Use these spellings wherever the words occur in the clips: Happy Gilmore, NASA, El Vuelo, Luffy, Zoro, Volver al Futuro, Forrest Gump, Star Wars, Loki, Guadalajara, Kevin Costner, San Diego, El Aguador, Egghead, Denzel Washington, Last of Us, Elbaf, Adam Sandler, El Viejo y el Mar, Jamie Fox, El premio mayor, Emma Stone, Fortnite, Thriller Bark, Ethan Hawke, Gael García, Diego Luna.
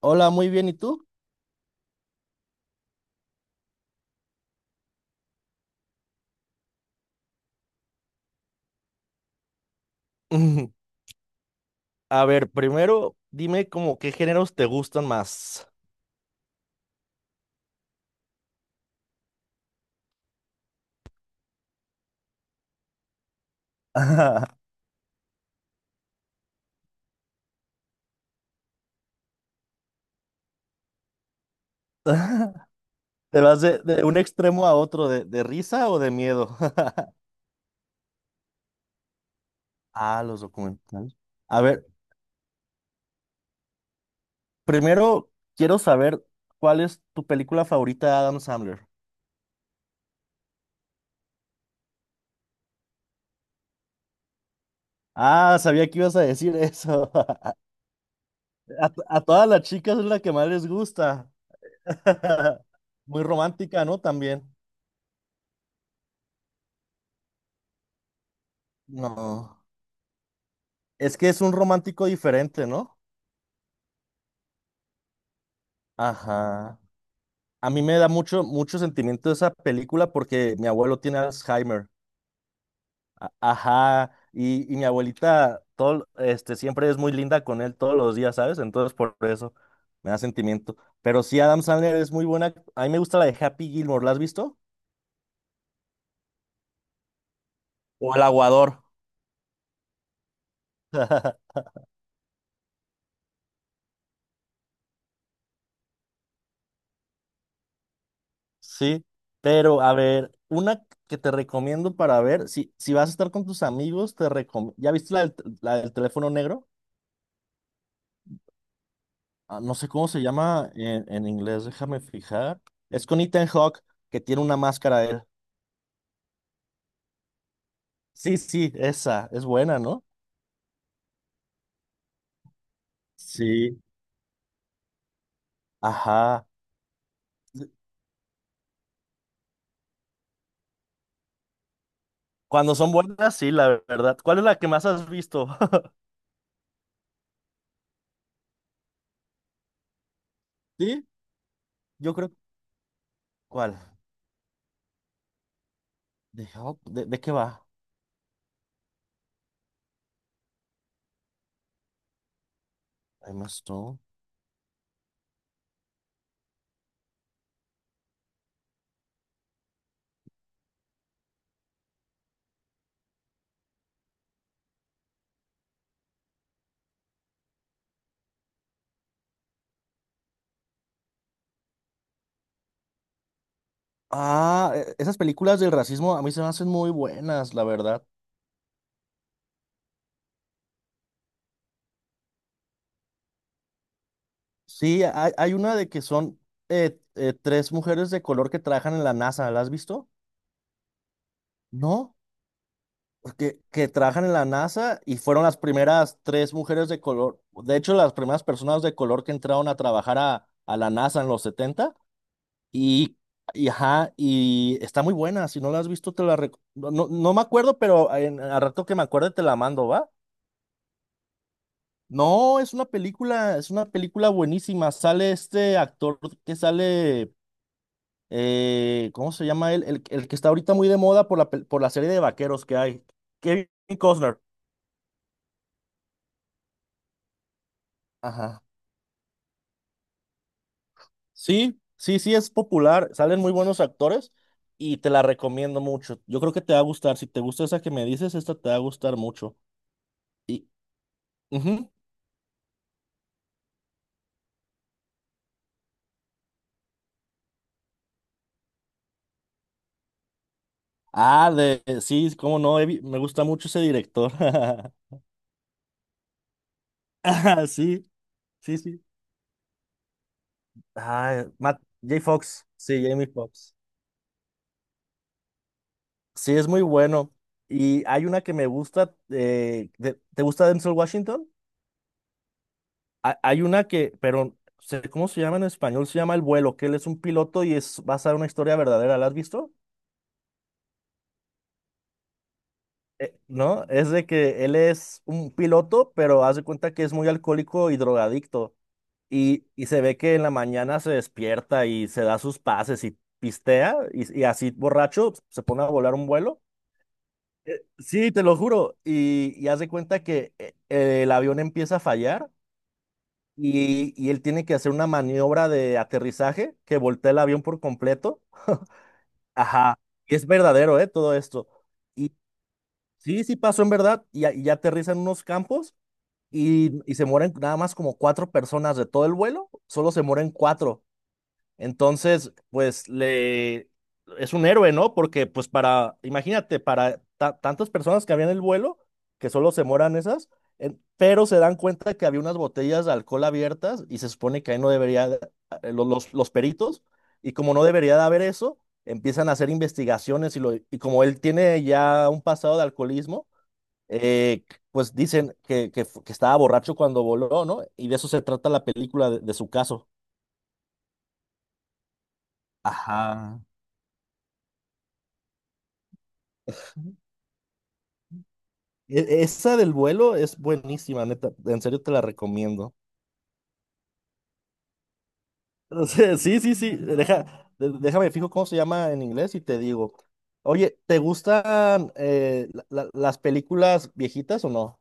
Hola, muy bien, ¿y tú? A ver, primero dime como qué géneros te gustan más. ¿Te vas de un extremo a otro, de risa o de miedo? Ah, los documentales. A ver, primero quiero saber cuál es tu película favorita de Adam Sandler. Ah, sabía que ibas a decir eso. A todas las chicas es la que más les gusta. Muy romántica, ¿no? También. No. Es que es un romántico diferente, ¿no? Ajá. A mí me da mucho, mucho sentimiento esa película porque mi abuelo tiene Alzheimer. Ajá. Y mi abuelita todo, este, siempre es muy linda con él todos los días, ¿sabes? Entonces por eso me da sentimiento. Pero sí, Adam Sandler es muy buena. A mí me gusta la de Happy Gilmore. ¿La has visto? O El Aguador. Sí. Pero a ver, una que te recomiendo para ver, si vas a estar con tus amigos, te recomiendo. ¿Ya viste la del teléfono negro? Ah, no sé cómo se llama en inglés, déjame fijar. Es con Ethan Hawke, que tiene una máscara él. Sí, sí, esa, es buena, ¿no? Sí, ajá. Cuando son buenas, sí, la verdad. ¿Cuál es la que más has visto? Sí, yo creo. ¿Cuál? ¿De, Hawk? ¿De qué va? Emma Stone. Ah, esas películas del racismo a mí se me hacen muy buenas, la verdad. Sí, hay una de que son tres mujeres de color que trabajan en la NASA, ¿la has visto? ¿No? Pues, que trabajan en la NASA y fueron las primeras tres mujeres de color, de hecho, las primeras personas de color que entraron a trabajar a, la NASA en los 70 y, ajá, y está muy buena, si no la has visto, no, no, no me acuerdo, pero al rato que me acuerde te la mando, ¿va? No, es una película buenísima, sale este actor que sale, ¿cómo se llama él? El que está ahorita muy de moda por la serie de vaqueros que hay, Kevin Costner. Ajá. Sí, sí, sí, es popular, salen muy buenos actores y te la recomiendo mucho. Yo creo que te va a gustar, si te gusta esa que me dices, esta te va a gustar mucho. Y, ujú. Ah, sí, cómo no, me gusta mucho ese director. Ah, sí, sí, sí. Ah, Matt, J. Fox, sí, Jamie Fox. Sí, es muy bueno. Y hay una que me gusta, ¿te gusta Denzel Washington? Hay una que, pero sé cómo se llama en español, se llama El Vuelo, que él es un piloto y es basada en una historia verdadera. ¿La has visto? ¿No? Es de que él es un piloto, pero hace cuenta que es muy alcohólico y drogadicto. Y se ve que en la mañana se despierta y se da sus pases y pistea y así borracho se pone a volar un vuelo. Sí, te lo juro. Y haz de cuenta que el avión empieza a fallar y él tiene que hacer una maniobra de aterrizaje que voltea el avión por completo. Ajá. Y es verdadero, ¿eh? Todo esto. Y sí, sí pasó en verdad. Y ya aterrizan unos campos y se mueren nada más como cuatro personas de todo el vuelo. Solo se mueren cuatro. Entonces, pues le es un héroe, ¿no? Porque pues para, imagínate, para tantas personas que habían el vuelo, que solo se moran esas, pero se dan cuenta que había unas botellas de alcohol abiertas y se supone que ahí no debería, los peritos, y como no debería de haber eso, empiezan a hacer investigaciones y como él tiene ya un pasado de alcoholismo, eh, pues dicen que estaba borracho cuando voló, ¿no? Y de eso se trata la película de su caso. Ajá. Esa del vuelo es buenísima, neta. En serio te la recomiendo. O sea, sí, sí, sí. Déjame fijo cómo se llama en inglés y te digo. Oye, ¿te gustan las películas viejitas o no?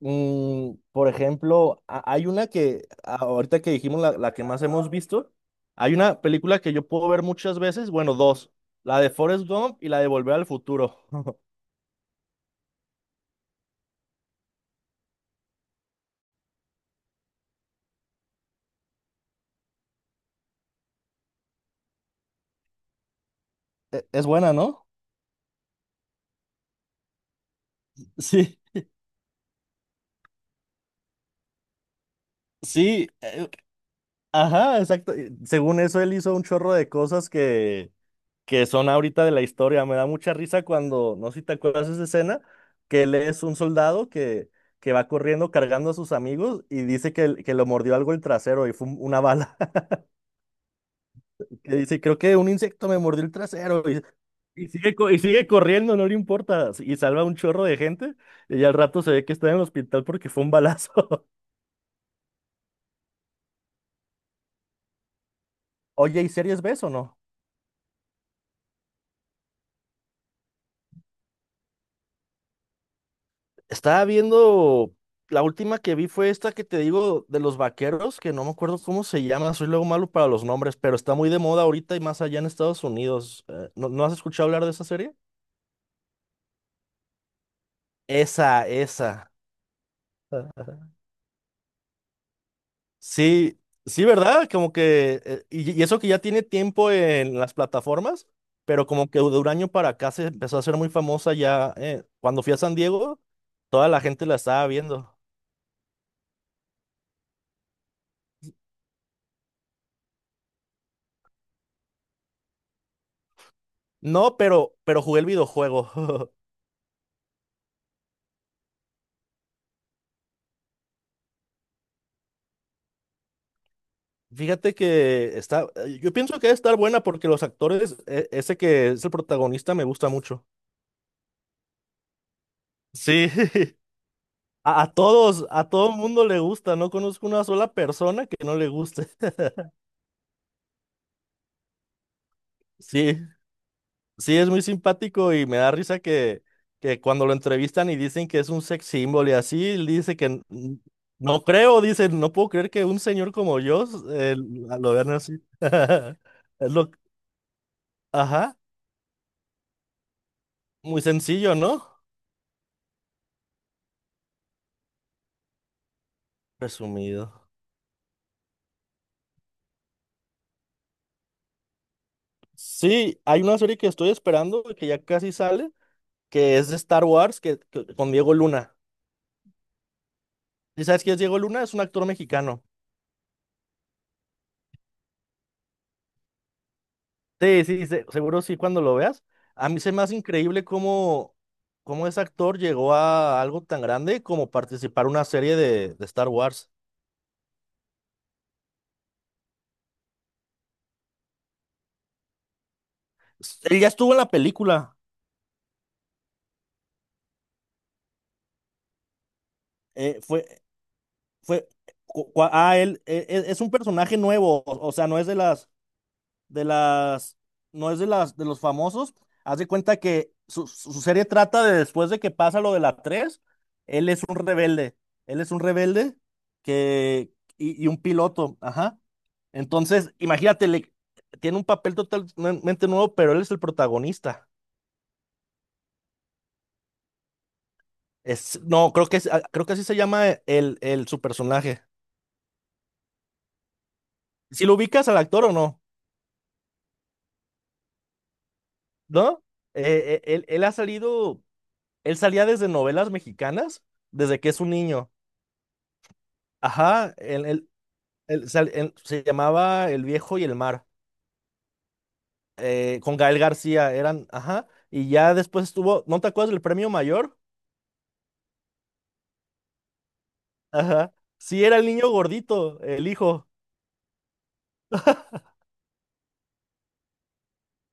Mm, por ejemplo, hay una que ahorita que dijimos la que más hemos visto, hay una película que yo puedo ver muchas veces, bueno, dos, la de Forrest Gump y la de Volver al Futuro. Es buena, ¿no? Sí, sí, ajá, exacto. Y según eso, él hizo un chorro de cosas que son ahorita de la historia. Me da mucha risa cuando, no sé si te acuerdas de esa escena, que él es un soldado que va corriendo cargando a sus amigos y dice que, que lo mordió algo el trasero y fue una bala. Que dice, creo que un insecto me mordió el trasero y sigue corriendo, no le importa. Y salva un chorro de gente y al rato se ve que está en el hospital porque fue un balazo. Oye, ¿y series ves o no? Estaba viendo, la última que vi fue esta que te digo de los vaqueros, que no me acuerdo cómo se llama, soy luego malo para los nombres, pero está muy de moda ahorita y más allá en Estados Unidos. ¿No has escuchado hablar de esa serie? Esa, esa. Sí, sí, ¿verdad? Como que, eso que ya tiene tiempo en las plataformas, pero como que de un año para acá se empezó a hacer muy famosa ya. Cuando fui a San Diego, toda la gente la estaba viendo. No, pero jugué el videojuego. Fíjate que está, yo pienso que debe estar buena porque los actores, ese que es el protagonista me gusta mucho. Sí, A todo mundo le gusta, no conozco una sola persona que no le guste. Sí, sí, es muy simpático y me da risa que cuando lo entrevistan y dicen que es un sex symbol y así, él dice que no creo, dice, no puedo creer que un señor como yo lo vean así. Es lo, ajá, muy sencillo, ¿no? Presumido. Sí, hay una serie que estoy esperando, que ya casi sale, que es de Star Wars, con Diego Luna. ¿Y sabes quién es Diego Luna? Es un actor mexicano. Sí, sí, seguro sí cuando lo veas. A mí se me hace increíble cómo ese actor llegó a algo tan grande como participar en una serie de Star Wars. Él ya estuvo en la película. eh, fue, fue, es un personaje nuevo, o sea, no es de las, de los famosos. Haz de cuenta que su serie trata de después de que pasa lo de la tres. Él es un rebelde, él es un rebelde que, y un piloto, ajá. Entonces, imagínate, tiene un papel totalmente nuevo, pero él es el protagonista. No, creo que así se llama su personaje. Si lo ubicas al actor o no, ¿no? Eh, eh, él, él ha salido, él salía desde novelas mexicanas desde que es un niño. Ajá, se llamaba El Viejo y el Mar, con Gael García, eran, ajá, y ya después estuvo, ¿no te acuerdas del Premio Mayor? Ajá, sí, era el niño gordito, el hijo,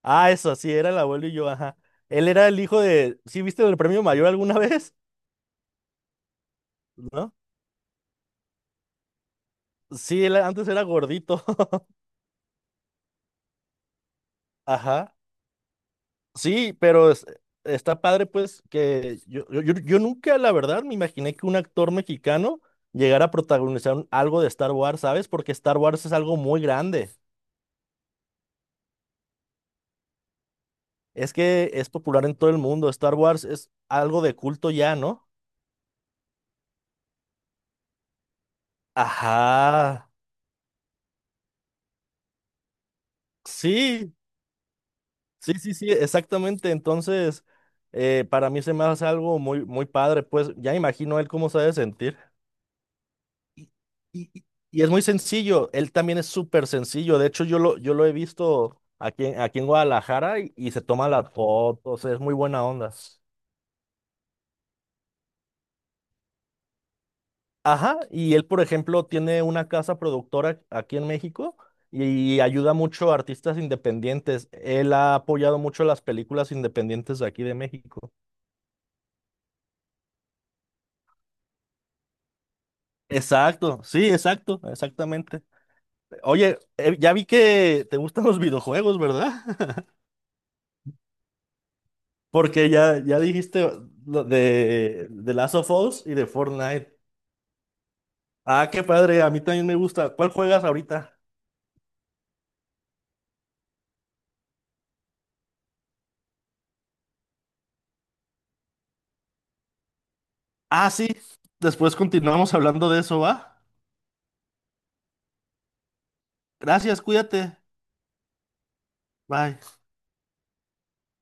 ah, eso, sí, era El Abuelo y Yo, ajá, él era el hijo de, ¿sí viste el Premio Mayor alguna vez? ¿No? Sí, él antes era gordito, ajá. Sí, pero está padre, pues, que yo nunca, la verdad, me imaginé que un actor mexicano llegara a protagonizar algo de Star Wars, ¿sabes? Porque Star Wars es algo muy grande. Es que es popular en todo el mundo. Star Wars es algo de culto ya, ¿no? Ajá. Sí, sí, sí, sí, exactamente. Entonces, para mí se me hace algo muy, muy padre, pues, ya imagino él cómo se ha de sentir. Y, y- y- y es muy sencillo, él también es súper sencillo, de hecho yo lo he visto aquí, aquí en Guadalajara y se toma las fotos, es muy buena onda. Ajá, y él, por ejemplo, tiene una casa productora aquí en México y ayuda mucho a artistas independientes. Él ha apoyado mucho las películas independientes de aquí de México. Exacto, sí, exacto, exactamente. Oye, ya vi que te gustan los videojuegos, ¿verdad? Porque ya dijiste lo de Last of Us y de Fortnite. Ah, qué padre, a mí también me gusta. ¿Cuál juegas ahorita? Ah, sí, después continuamos hablando de eso, ¿va? Gracias, cuídate. Bye.